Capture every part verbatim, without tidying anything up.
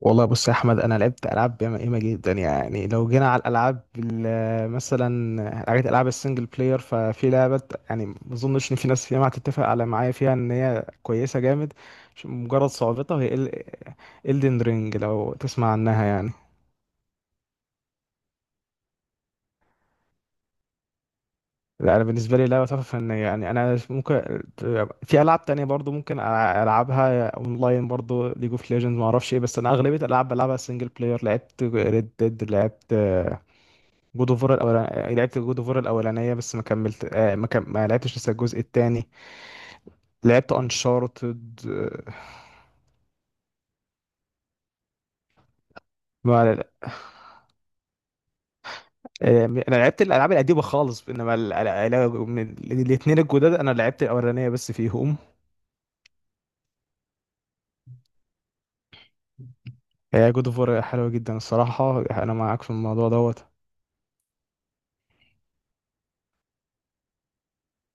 والله بص يا احمد، انا لعبت العاب ياما ياما جدا. يعني لو جينا على الالعاب ال- مثلا حاجات العاب السنجل بلاير، ففي لعبه يعني ما اظنش ان في ناس ياما هتتفق على معايا فيها ان هي كويسه جامد مش- مجرد صعوبتها، هي الدن رينج لو تسمع عنها يعني. لا انا بالنسبه لي لعبه تحفه فنيه يعني. انا ممكن في العاب تانية برضو ممكن ألع- العبها اونلاين برضو، ليج اوف ليجندز ما اعرفش ايه. بس انا اغلبيه الالعاب بلعبها سنجل بلاير. لعبت ريد ديد، لعبت جود اوف وور الاولانيه. لعبت جود اوف وور الاولانيه بس ما كملت. آه ما, كم... ما لعبتش لسه الجزء الثاني. لعبت انشارتد. ما... آه... انا لعبت الالعاب القديمه خالص، انما ال... ال... ال... من الاثنين الجداد انا لعبت الاولانيه بس فيهم. هي جود اوف وور حلوه جدا الصراحه، انا معاك في الموضوع دوت.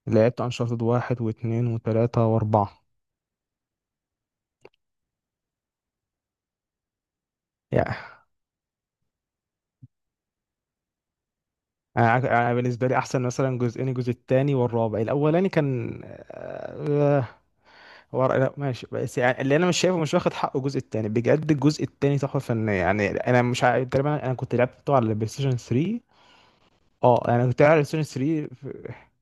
لعبت انشارتد واحد واثنين وثلاثه واربعه. يعني انا أنا بالنسبه لي احسن مثلا جزئين، الجزء الثاني والرابع. الاولاني كان آه، هو رأي. لا ماشي، بس يعني اللي انا مش شايفه مش واخد حقه الجزء التاني. بجد الجزء التاني تحفه فنيه يعني. انا مش عارف تقريبا، انا كنت لعبته على البلاي ستيشن تلاتة. اه انا كنت على البلاي ستيشن ثلاثة ف-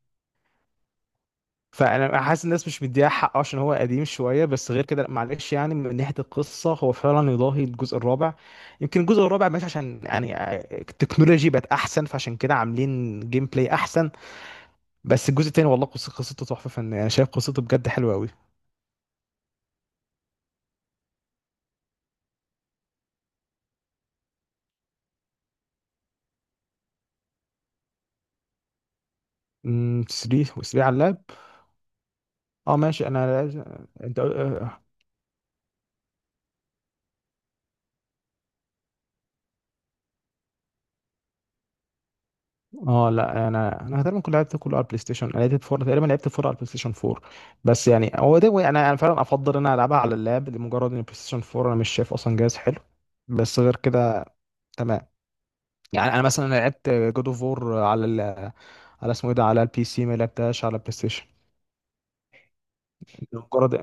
فانا حاسس الناس مش مديها حقه عشان هو قديم شويه، بس غير كده لأ، معلش يعني. من ناحيه القصه هو فعلا يضاهي الجزء الرابع. يمكن الجزء الرابع ماشي عشان يعني التكنولوجي بقت احسن فعشان كده عاملين جيم بلاي احسن. بس الجزء التاني والله قص- قصته تحفه فنيه. انا شايف قصته بجد حلوه قوي. تلاتة و3 على اللاب. اه ماشي، انا لازم. انت اه. آه، لا انا انا تقريبا كنت لعبت كله على البلاي ستيشن. انا لعبت فور تقريبا، لعبت فور على البلاي ستيشن فور. بس يعني هو ده. انا انا فعلا افضل ان انا العبها على اللاب لمجرد ان البلاي ستيشن فور انا مش شايف اصلا جهاز حلو. بس غير كده تمام. يعني انا مثلا لعبت جود اوف وور على ال... على اسمه ايه ده، على البي سي، ما لعبتهاش على البلاي ستيشن مجرد.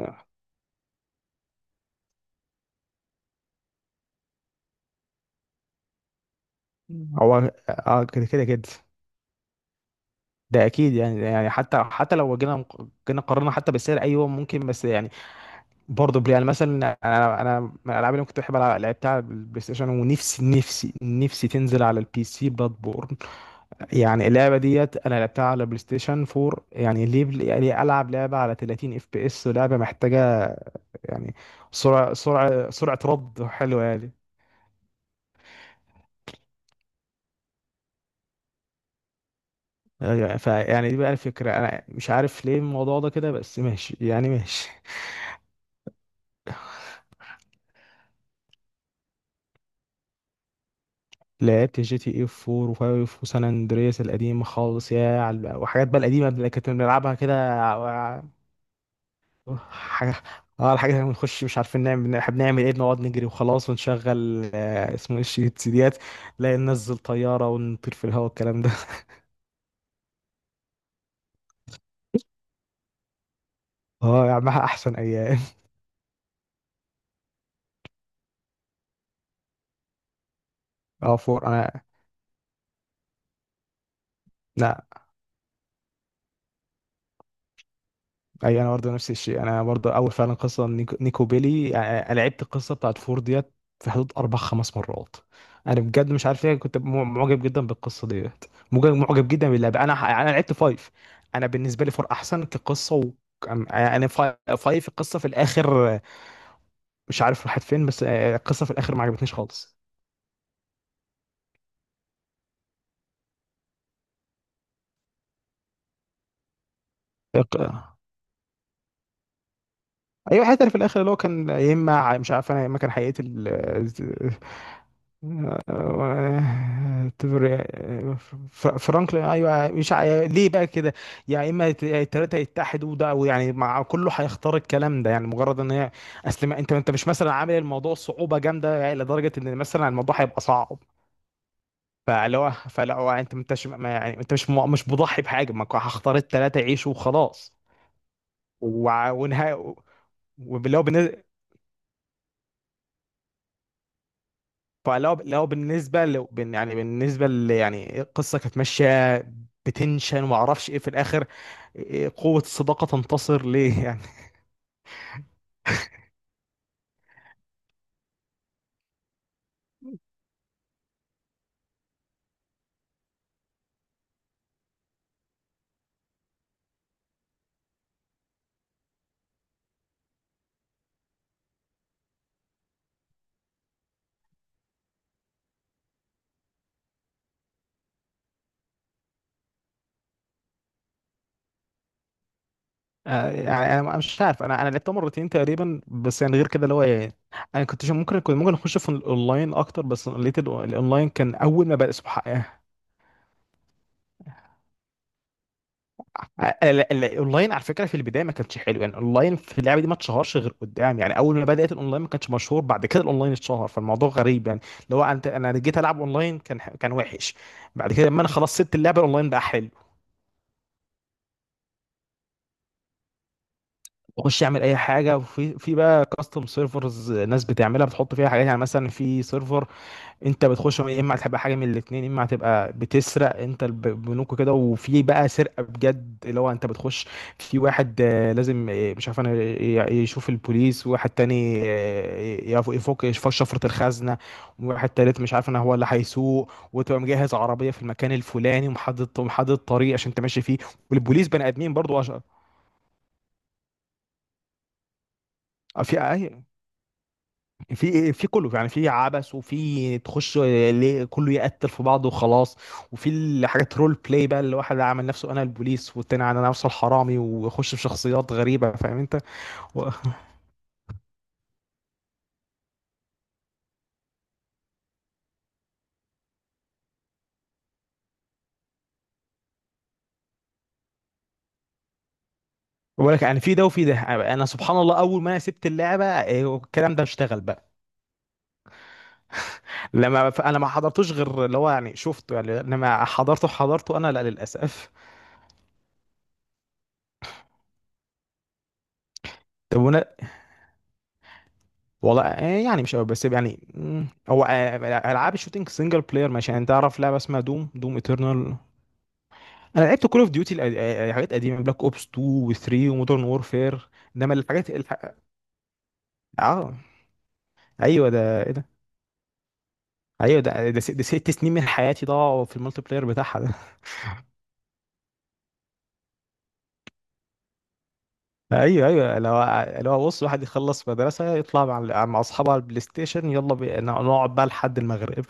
هو اه، كده كده كده. ده اكيد يعني. يعني حتى حتى لو جينا جينا قارنا حتى بالسعر، ايوه ممكن. بس يعني برضه بلاي يعني مثلا انا انا من الالعاب اللي كنت بحب العب، لعبتها على البلاي ستيشن، ونفسي نفسي نفسي تنزل على البي سي بلاد بورن. يعني اللعبه ديت انا لعبتها على بلاي ستيشن فور. يعني ليه بل- يعني العب لعبه على تلاتين اف بي اس ولعبه محتاجه يعني سرعه سرعه سرعه رد حلوه يعني. يعني- فيعني دي بقى الفكره. انا مش عارف ليه الموضوع ده كده، بس ماشي يعني ماشي. لعبت جي تي اي فور و5 وسان اندرياس القديمه خالص، يا على- وحاجات بقى القديمه اللي كنت بنلعبها كده. حاجة، اه الحاجة اللي بنخش مش عارفين نعمل بنح- بنعمل ايه، بنقعد نجري وخلاص ونشغل آه، اسمه ايه الشي- السيديات. لا ننزل طيارة ونطير في الهواء الكلام ده. اه يا عم، احسن ايام. اه فور انا. لا. اي انا برضه نفس الشيء، انا برضه اول فعلا قصه نيكو, نيكو بيلي يعني. أنا لعبت القصه بتاعت فور ديت في حدود اربع خمس مرات. انا بجد مش عارف ليه كنت مع- معجب جدا بالقصه ديت، معجب معجب جدا باللعبه. انا ح- انا لعبت فايف. انا بالنسبه لي فور احسن كقصه و... كم- يعني فا- فايف القصه في الاخر مش عارف راحت فين، بس آه، القصه في الاخر ما عجبتنيش خالص. ايوه، حتى في الاخر اللي هو كان يا اما مش عارف انا يا اما كان هيقتل آه، تبر- فر- فرانكلين. ايوه مش عا- ليه بقى كده يا اما يت- التلاته يتحدوا ده. ويعني مع كله هيختار الكلام ده يعني مجرد ان هي. اصل ما- انت انت مش مثلا عامل الموضوع صعوبه جامده، يعني لدرجه ان مثلا الموضوع هيبقى صعب. فاللي هو فلا هو انت ما انتش ما- يعني انت مش م- مش مضحي بحاجه ما كو- هختار التلاته يعيشوا وخلاص. وع- ونهايه. واللي هو فلو لو بالنسبه لو بن- يعني بالنسبه ل يعني القصه كانت ماشيه بتنشن وما اعرفش ايه في الاخر، إيه قوه الصداقه تنتصر ليه. يعني آه، يعني انا مش عارف. انا انا لعبتها مرتين تقريبا بس، يعني غير كده اللي هو إيه، انا كنت ممكن كنت ممكن اخش في الاونلاين اكتر. بس لقيت ال- الاونلاين كان اول ما بدا سبحان. آه، ال- ال- الاونلاين على فكره في البدايه ما كانش حلو. يعني الاونلاين في اللعبه دي ما اتشهرش غير قدام. يعني اول ما بدات الاونلاين ما كانش مشهور، بعد كده الاونلاين اتشهر. فالموضوع غريب يعني، اللي هو انت انا جيت العب اونلاين كان ح- كان وحش، بعد كده لما انا خلاص سبت اللعبه الاونلاين بقى حلو. بخش اعمل اي حاجه، وفي في بقى كاستم سيرفرز، ناس بتعملها بتحط فيها حاجات. يعني مثلا في سيرفر انت بتخش يا اما هتبقى حاجه من الاتنين، يا اما هتبقى بتسرق انت الب- بنوك كده، وفي بقى سرقه بجد اللي هو انت بتخش. في واحد آه، لازم آه، مش عارف انا ي- يشوف البوليس، وواحد تاني آه، يف- يفك يفك شفره الخزنه، وواحد تالت مش عارف انا هو اللي هيسوق وتبقى مجهز عربيه في المكان الفلاني، ومحدد ومحدد طريق عشان انت ماشي فيه. والبوليس بني ادمين برضو عش- في في في كله يعني، في عبث وفي تخش ليه كله يقتل في بعضه وخلاص، وفي الحاجات رول بلاي بقى اللي واحد عامل نفسه انا البوليس والتاني انا نفسه الحرامي ويخش في شخصيات غريبه، فاهم انت. و- ولك يعني في ده وفي ده. انا سبحان الله اول ما انا سبت اللعبه إيه، الكلام ده اشتغل بقى. لما ف- انا ما حضرتوش غير اللي هو يعني شفته يعني، لما حضرته حضرته انا لا للاسف. طب وانا والله إيه، يعني مش قوي، بس يعني مم، هو آه، العاب الشوتينج سنجل بلاير ماشي. يعني تعرف لعبه اسمها دوم دوم ايترنال. انا لعبت كول اوف ديوتي حاجات قديمه، بلاك اوبس تو و3 ومودرن وورفير. انما الحاجات الح... اه ايوه ده ايه ده. ايوه ده ده, س... ده ست سنين من حياتي ضاعوا في المالتي بلاير بتاعها ده. ايوه ايوه لو لو بص واحد يخلص مدرسه يطلع مع مع اصحابه على البلاي ستيشن يلا بي... نقعد بقى لحد المغرب.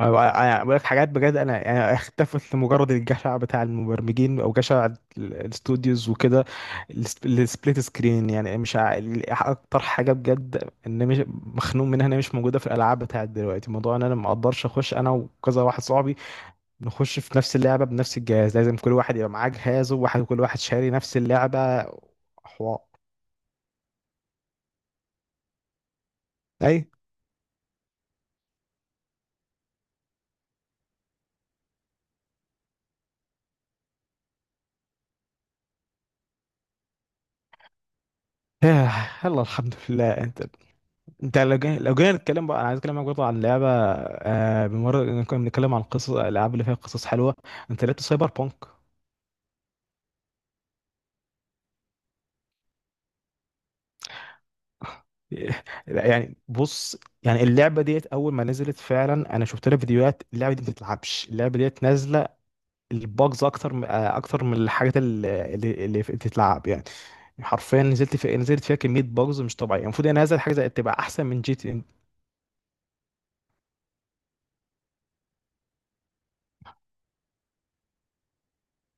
انا بقول لك حاجات بجد، انا انا اختفت لمجرد الجشع بتاع المبرمجين او جشع ال- الاستوديوز وكده. الس- السبليت سكرين يعني مش ع- اكتر حاجه بجد ان مش مخنوق منها ان هي مش موجوده في الالعاب بتاعت دلوقتي، موضوع ان انا ما اقدرش اخش انا وكذا واحد صاحبي نخش في نفس اللعبه بنفس الجهاز، لازم كل واحد يبقى معاه جهازه وواحد كل واحد شاري نفس اللعبه. حوار اي. يلا الحمد لله. انت انت لو جينا لو جينا نتكلم بقى. انا عايز اتكلم معاك برضه عن لعبه آه بمر كنا بنتكلم عن قصص الالعاب اللي فيها قصص حلوه. انت لعبت سايبر بانك؟ يعني بص، يعني اللعبه ديت اول ما نزلت فعلا انا شفت لها فيديوهات، اللعبه دي ما بتتلعبش. اللعبه ديت نازله الباجز اكتر م- آه، اكتر من الحاجات اللي اللي اللي بتتلعب يعني. حرفيا نزلت في نزلت فيها كميه باجز مش طبيعيه. المفروض ان هذا الحاجه زي تبقى احسن من جي تي ان.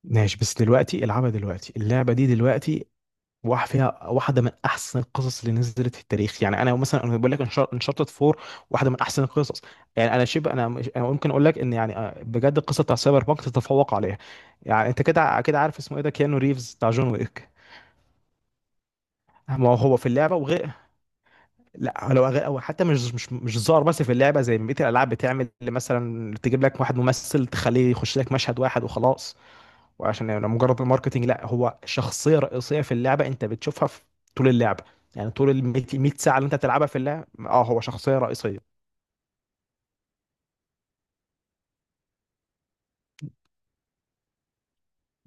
ماشي بس دلوقتي العبها دلوقتي، اللعبه دي دلوقتي واحد فيها واحده من احسن القصص اللي نزلت في التاريخ. يعني انا مثلا انا بقول لك انشارتد فور واحده من احسن القصص. يعني انا شبه انا مش- أنا ممكن اقول لك ان يعني آه، بجد القصه بتاع سايبر بانك تتفوق عليها. يعني انت كده كده عارف اسمه ايه ده، كيانو ريفز بتاع جون ويك. ما هو هو في اللعبه وغير. لا لو غير، او حتى مش مش مش ظاهر. بس في اللعبه زي ما بقيه الالعاب بتعمل مثلا تجيب لك واحد ممثل تخليه يخش لك مشهد واحد وخلاص وعشان يعني مجرد الماركتينج. لا هو شخصيه رئيسيه في اللعبه، انت بتشوفها في طول اللعبه. يعني طول ال ميه ميه ساعه اللي انت بتلعبها في اللعبه اه هو شخصيه رئيسيه.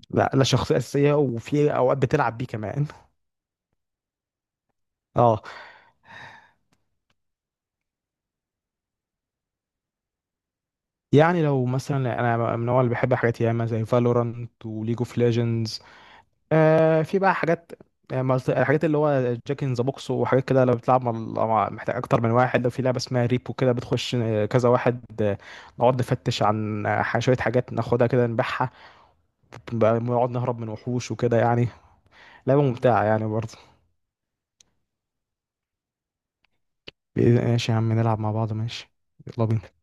لا لا شخصيه اساسيه وفي اوقات بتلعب بيه كمان. اه. يعني لو مثلا انا من النوع اللي بحب حاجات ياما زي فالورانت وليج اوف ليجندز. آه في بقى حاجات آه، مالت- الحاجات اللي هو جاك ان ذا بوكس وحاجات كده. لو بتلعب مع مع- محتاج اكتر من واحد. لو في لعبه اسمها ريبو كده بتخش آه، كذا واحد آه، نقعد نفتش عن آه، شويه حاجات ناخدها كده نبيعها بقى، بنقعد نهرب من وحوش وكده يعني. لعبة ممتعة يعني برضه. بإذن- ماشي يا عم نلعب مع بعض، ماشي. يلا بينا.